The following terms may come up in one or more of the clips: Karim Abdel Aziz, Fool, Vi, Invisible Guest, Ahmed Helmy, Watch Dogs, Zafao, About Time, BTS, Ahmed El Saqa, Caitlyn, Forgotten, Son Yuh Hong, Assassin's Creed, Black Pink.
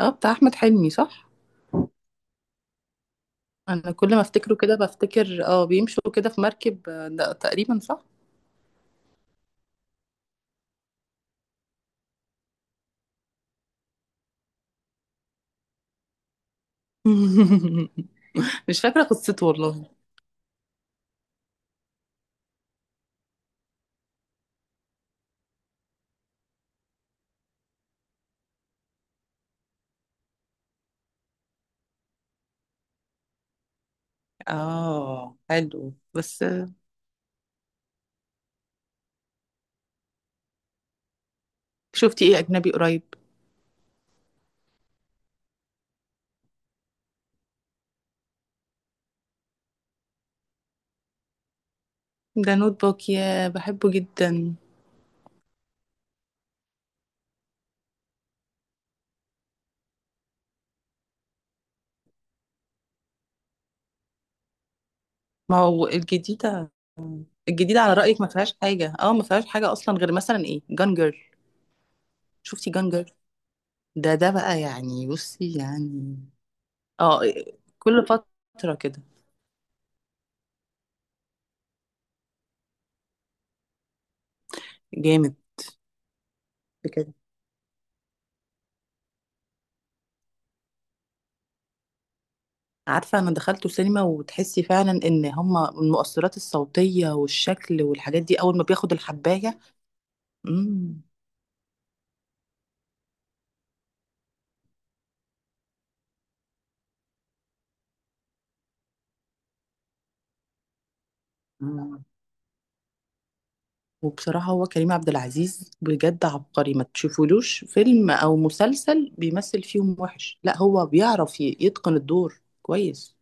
اه، بتاع احمد حلمي صح. انا كل ما افتكره كده بفتكر بيمشوا كده في مركب، ده تقريبا صح. مش فاكره قصته والله. اه حلو بس. شفتي ايه اجنبي قريب؟ ده نوت بوك، يا بحبه جدا. ما هو الجديده. الجديده على رايك ما فيهاش حاجه، ما فيهاش حاجه اصلا، غير مثلا جانجر. شفتي جانجر؟ ده بقى يعني، بصي يعني. اه، كل فتره كده. جامد. عارفة، أنا دخلته سينما وتحسي فعلا إن هما المؤثرات الصوتية والشكل والحاجات دي أول ما بياخد الحباية. مم. مم. وبصراحة هو كريم عبد العزيز بجد عبقري، ما تشوفولوش فيلم أو مسلسل بيمثل فيهم وحش، لا هو بيعرف يتقن الدور كويس.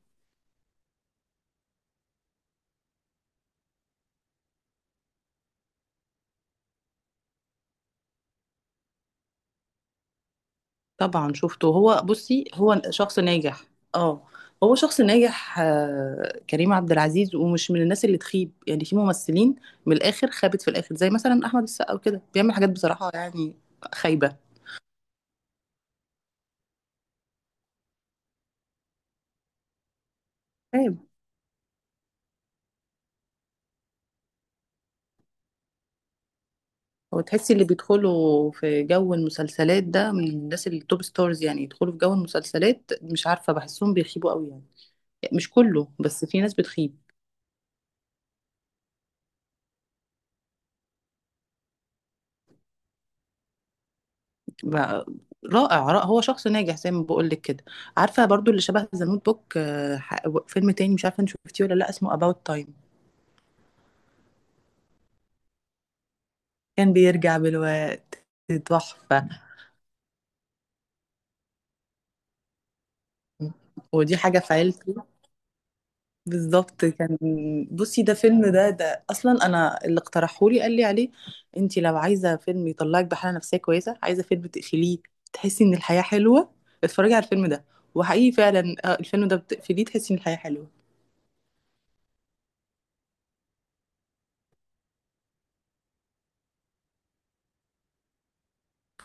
طبعا شفته، هو بصي هو شخص ناجح. اه، هو شخص ناجح، كريم عبد العزيز، ومش من الناس اللي تخيب، يعني في ممثلين من الاخر خابت في الاخر، زي مثلا احمد السقا وكده بيعمل حاجات بصراحة يعني. خايبة. خايب. هو تحسي اللي بيدخلوا في جو المسلسلات ده من الناس التوب ستارز، يعني يدخلوا في جو المسلسلات مش عارفة بحسهم بيخيبوا قوي يعني. مش كله، بس في ناس بتخيب. بقى- رائع رائع، هو شخص ناجح زي ما بقول لك كده. عارفه برضو اللي شبه ذا نوت بوك، فيلم تاني مش عارفه انت شفتيه ولا لا، اسمه About Time. كان بيرجع بالوقت. تحفه. ودي حاجه في عيلتي بالظبط، كان بصي ده فيلم، ده اصلا انا اللي اقترحهولي قال لي عليه: انت لو عايزه فيلم يطلعك بحاله نفسيه كويسه، عايزه فيلم تقفليه تحسي ان الحياه حلوه، اتفرجي على الفيلم ده. وحقيقي فعلا، الفيلم ده بتقفليه تحسي ان الحياه حلوه.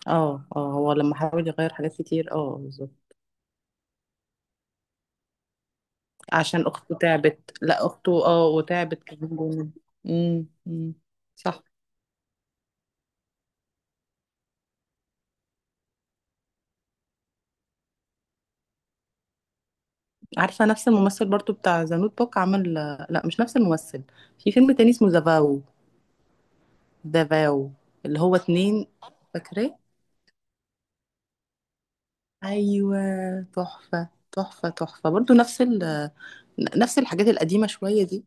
اه اه، هو لما حاول يغير حاجات كتير، اه بالظبط. عشان اخته تعبت، لا اخته وتعبت كمان جامد. امم. أمم. صح. عارفه نفس الممثل برضو بتاع ذا نوت بوك عمل، لا مش نفس الممثل، في فيلم تاني اسمه زافاو. زافاو، اللي هو اتنين. فاكراه. ايوه. تحفه تحفه تحفه برضو، نفس نفس الحاجات القديمه شويه دي.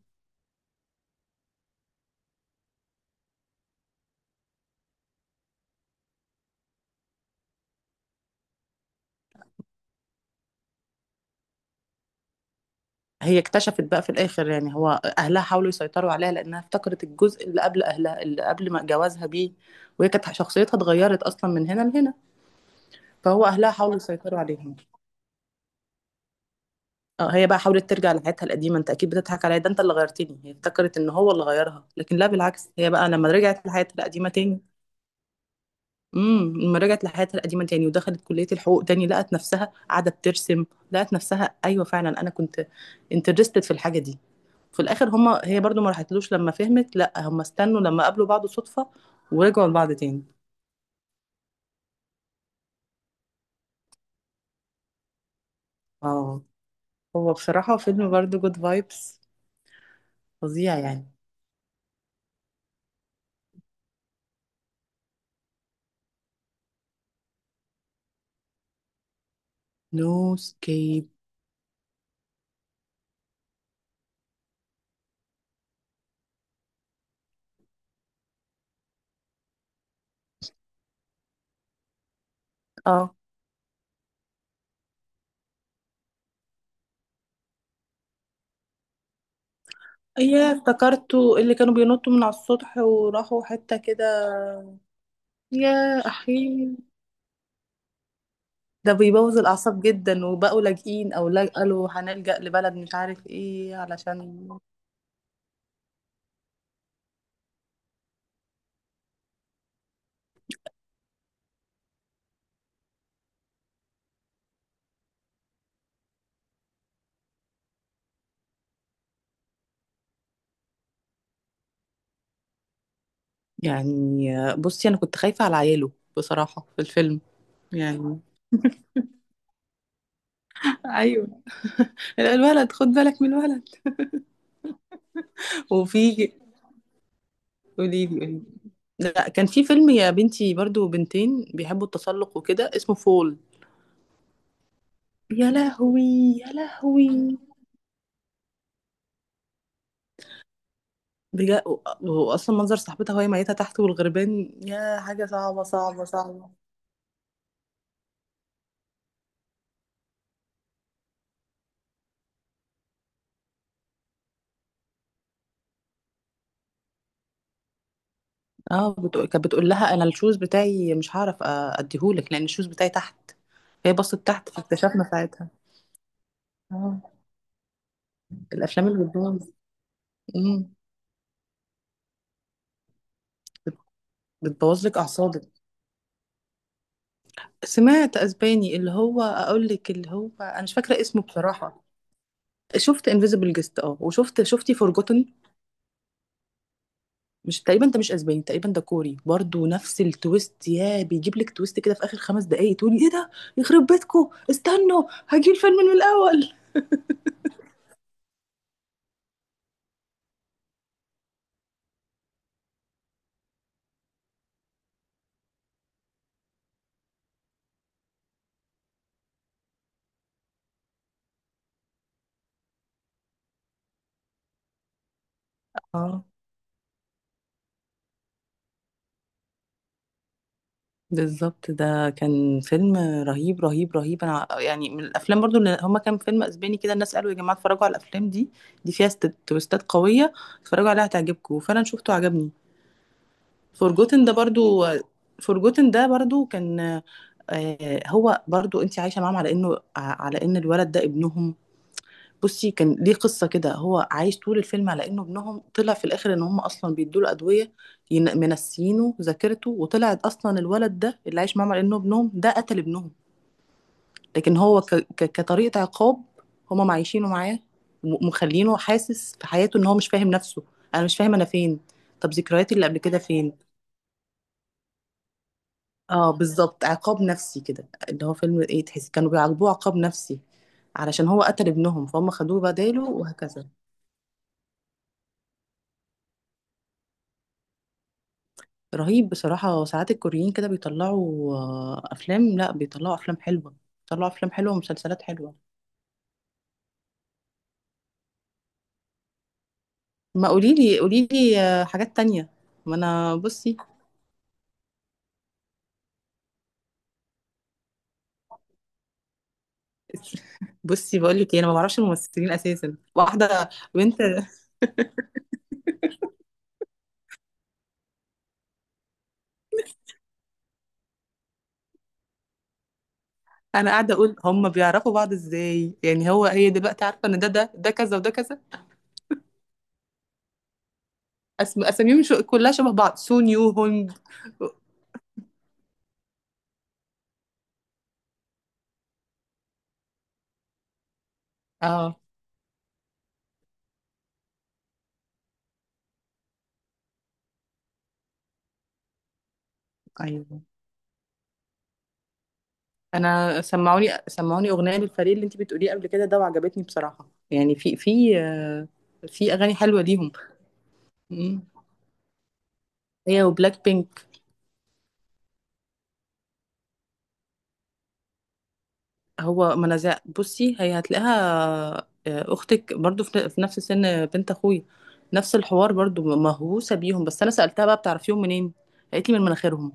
هي اكتشفت بقى في الاخر يعني، هو اهلها حاولوا يسيطروا عليها لانها افتكرت الجزء اللي قبل اهلها، اللي قبل ما جوازها بيه، وهي كانت شخصيتها اتغيرت اصلا من هنا لهنا. فهو اهلها حاولوا يسيطروا عليهم. اه، هي بقى حاولت ترجع لحياتها القديمه، انت اكيد بتضحك عليا، ده انت اللي غيرتني. هي افتكرت ان هو اللي غيرها، لكن لا بالعكس، هي بقى لما رجعت لحياتها القديمه تاني، لما رجعت لحياتها القديمه تاني ودخلت كليه الحقوق تاني، لقت نفسها قاعده بترسم. لقت نفسها، ايوه فعلا، انا كنت انترستد في الحاجه دي. في الاخر هما، هي برضو ما راحتلوش لما فهمت، لا هما استنوا لما قابلوا بعض صدفة، ورجعوا لبعض تاني. اه، هو بصراحة فيلم برضو جود فايبس، فظيع يعني. نو سكيب. اه، يا افتكرته، اللي كانوا بينطوا من على السطح وراحوا حتة كده. يا أخي، ده بيبوظ الأعصاب جدا، وبقوا لاجئين أو قالوا هنلجأ لبلد مش عارف إيه علشان يعني. بصي أنا كنت خايفة على عياله بصراحة في الفيلم يعني. ايوه. الولد، خد بالك من الولد. وفي، قولي لي قولي لي. لا كان في فيلم يا بنتي برضو، بنتين بيحبوا التسلق وكده، اسمه فول. يا لهوي. يا لهوي. بجد. واصلا منظر صاحبتها وهي ميتة تحت والغربان، يا حاجة صعبة صعبة صعبة. اه، كانت بتقول لها: انا الشوز بتاعي مش هعرف اديهولك لان الشوز بتاعي تحت. هي بصت تحت، فاكتشفنا ساعتها. اه. الافلام اللي بتبوظ. أمم. بتبوظ لك اعصابك. سمعت اسباني، اللي هو اقول لك اللي هو انا مش فاكره اسمه بصراحه. شفت انفيزبل جيست، وشفت، شفتي فورجوتن. مش تقريبا، ده مش اسباني تقريبا، ده كوري برضو نفس التويست، يا بيجيب لك تويست كده في اخر 5 دقايق تقولي ايه ده. يخرب بيتكو، استنوا، هجي الفيلم من الاول. اه بالظبط، ده كان فيلم رهيب رهيب رهيب. انا يعني من الافلام برضو، اللي هما كان فيلم اسباني كده الناس قالوا يا جماعه اتفرجوا على الافلام دي، دي فيها تويستات قويه، اتفرجوا عليها هتعجبكم. وفعلا شفته عجبني. فورجوتن ده برضو فورجوتن ده برضو كان، هو برضو انت عايشه معاهم على انه، على ان الولد ده ابنهم. بصي كان ليه قصه كده، هو عايش طول الفيلم على انه ابنهم، طلع في الاخر ان هم اصلا بيدوا له ادويه، منسيينه ذاكرته. وطلعت اصلا الولد ده اللي عايش معاهم على انه ابنهم ده قتل ابنهم، لكن هو كطريقه عقاب، هم معيشينه معاه، مخلينه حاسس في حياته ان هو مش فاهم نفسه: انا مش فاهم انا فين، طب ذكرياتي اللي قبل كده فين. اه بالظبط، عقاب نفسي كده، اللي هو فيلم ايه، تحس كانوا بيعاقبوه عقاب نفسي علشان هو قتل ابنهم فهم خدوه بداله وهكذا. رهيب بصراحة. ساعات الكوريين كده بيطلعوا، أفلام، لا بيطلعوا أفلام حلوة، بيطلعوا أفلام حلوة ومسلسلات حلوة. ما قوليلي قوليلي، حاجات تانية. ما أنا بصي، بصي بقولك إيه، أنا ما بعرفش الممثلين أساسا، واحدة بنت. أنا قاعدة أقول هم بيعرفوا بعض إزاي يعني، هو هي دلوقتي عارفة إن ده ده ده كذا وده كذا. اساميهم كلها شبه بعض، سون يو هونج. اه. ايوه. انا سمعوني سمعوني اغنيه للفريق اللي انت بتقوليه قبل كده ده، وعجبتني بصراحه، يعني في في، في اغاني حلوه ليهم. مم. هي وبلاك بينك. هو منازع، بصي هي هتلاقيها، اختك برضو في نفس سن بنت اخويا، نفس الحوار برضو، مهووسه بيهم. بس انا سالتها بقى بتعرفيهم منين؟ قالت لي من مناخيرهم.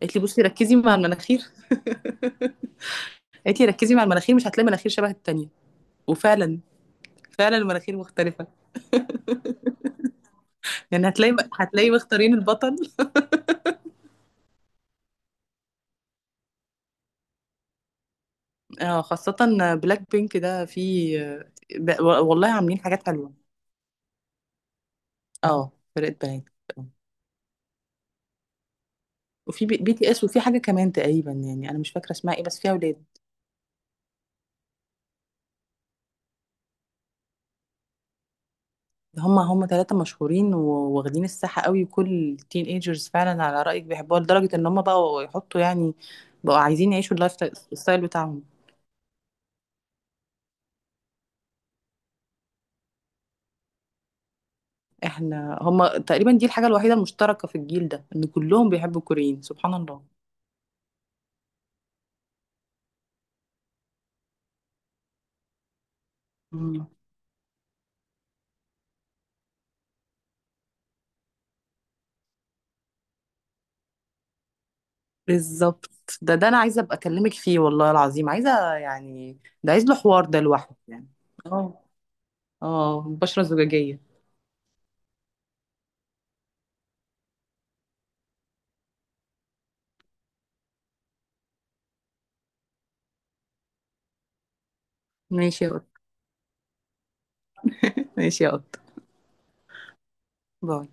قالت لي بصي ركزي مع المناخير، قالت لي ركزي مع المناخير مش هتلاقي مناخير شبه التانية. وفعلا، فعلا المناخير مختلفة. يعني هتلاقي، مختارين البطل. اه خاصة، بلاك بينك ده في، والله عاملين حاجات حلوة. اه فرقة بنات. آه. وفي بي تي اس، وفي حاجة كمان تقريبا يعني أنا مش فاكرة اسمها ايه بس فيها ولاد. هم ثلاثة مشهورين وواخدين الساحة قوي، وكل التين ايجرز فعلا على رأيك بيحبوها لدرجة إن هم بقوا يحطوا يعني، بقوا عايزين يعيشوا اللايف ستايل، الستايل بتاعهم. هم تقريبا دي الحاجة الوحيدة المشتركة في الجيل ده، إن كلهم بيحبوا الكوريين، سبحان الله. بالظبط، ده انا عايزه ابقى اكلمك فيه والله العظيم، عايزه يعني ده عايز له حوار ده لوحده يعني. اه اه، بشره زجاجيه. ماشي يا قط. ماشي يا قط. باي.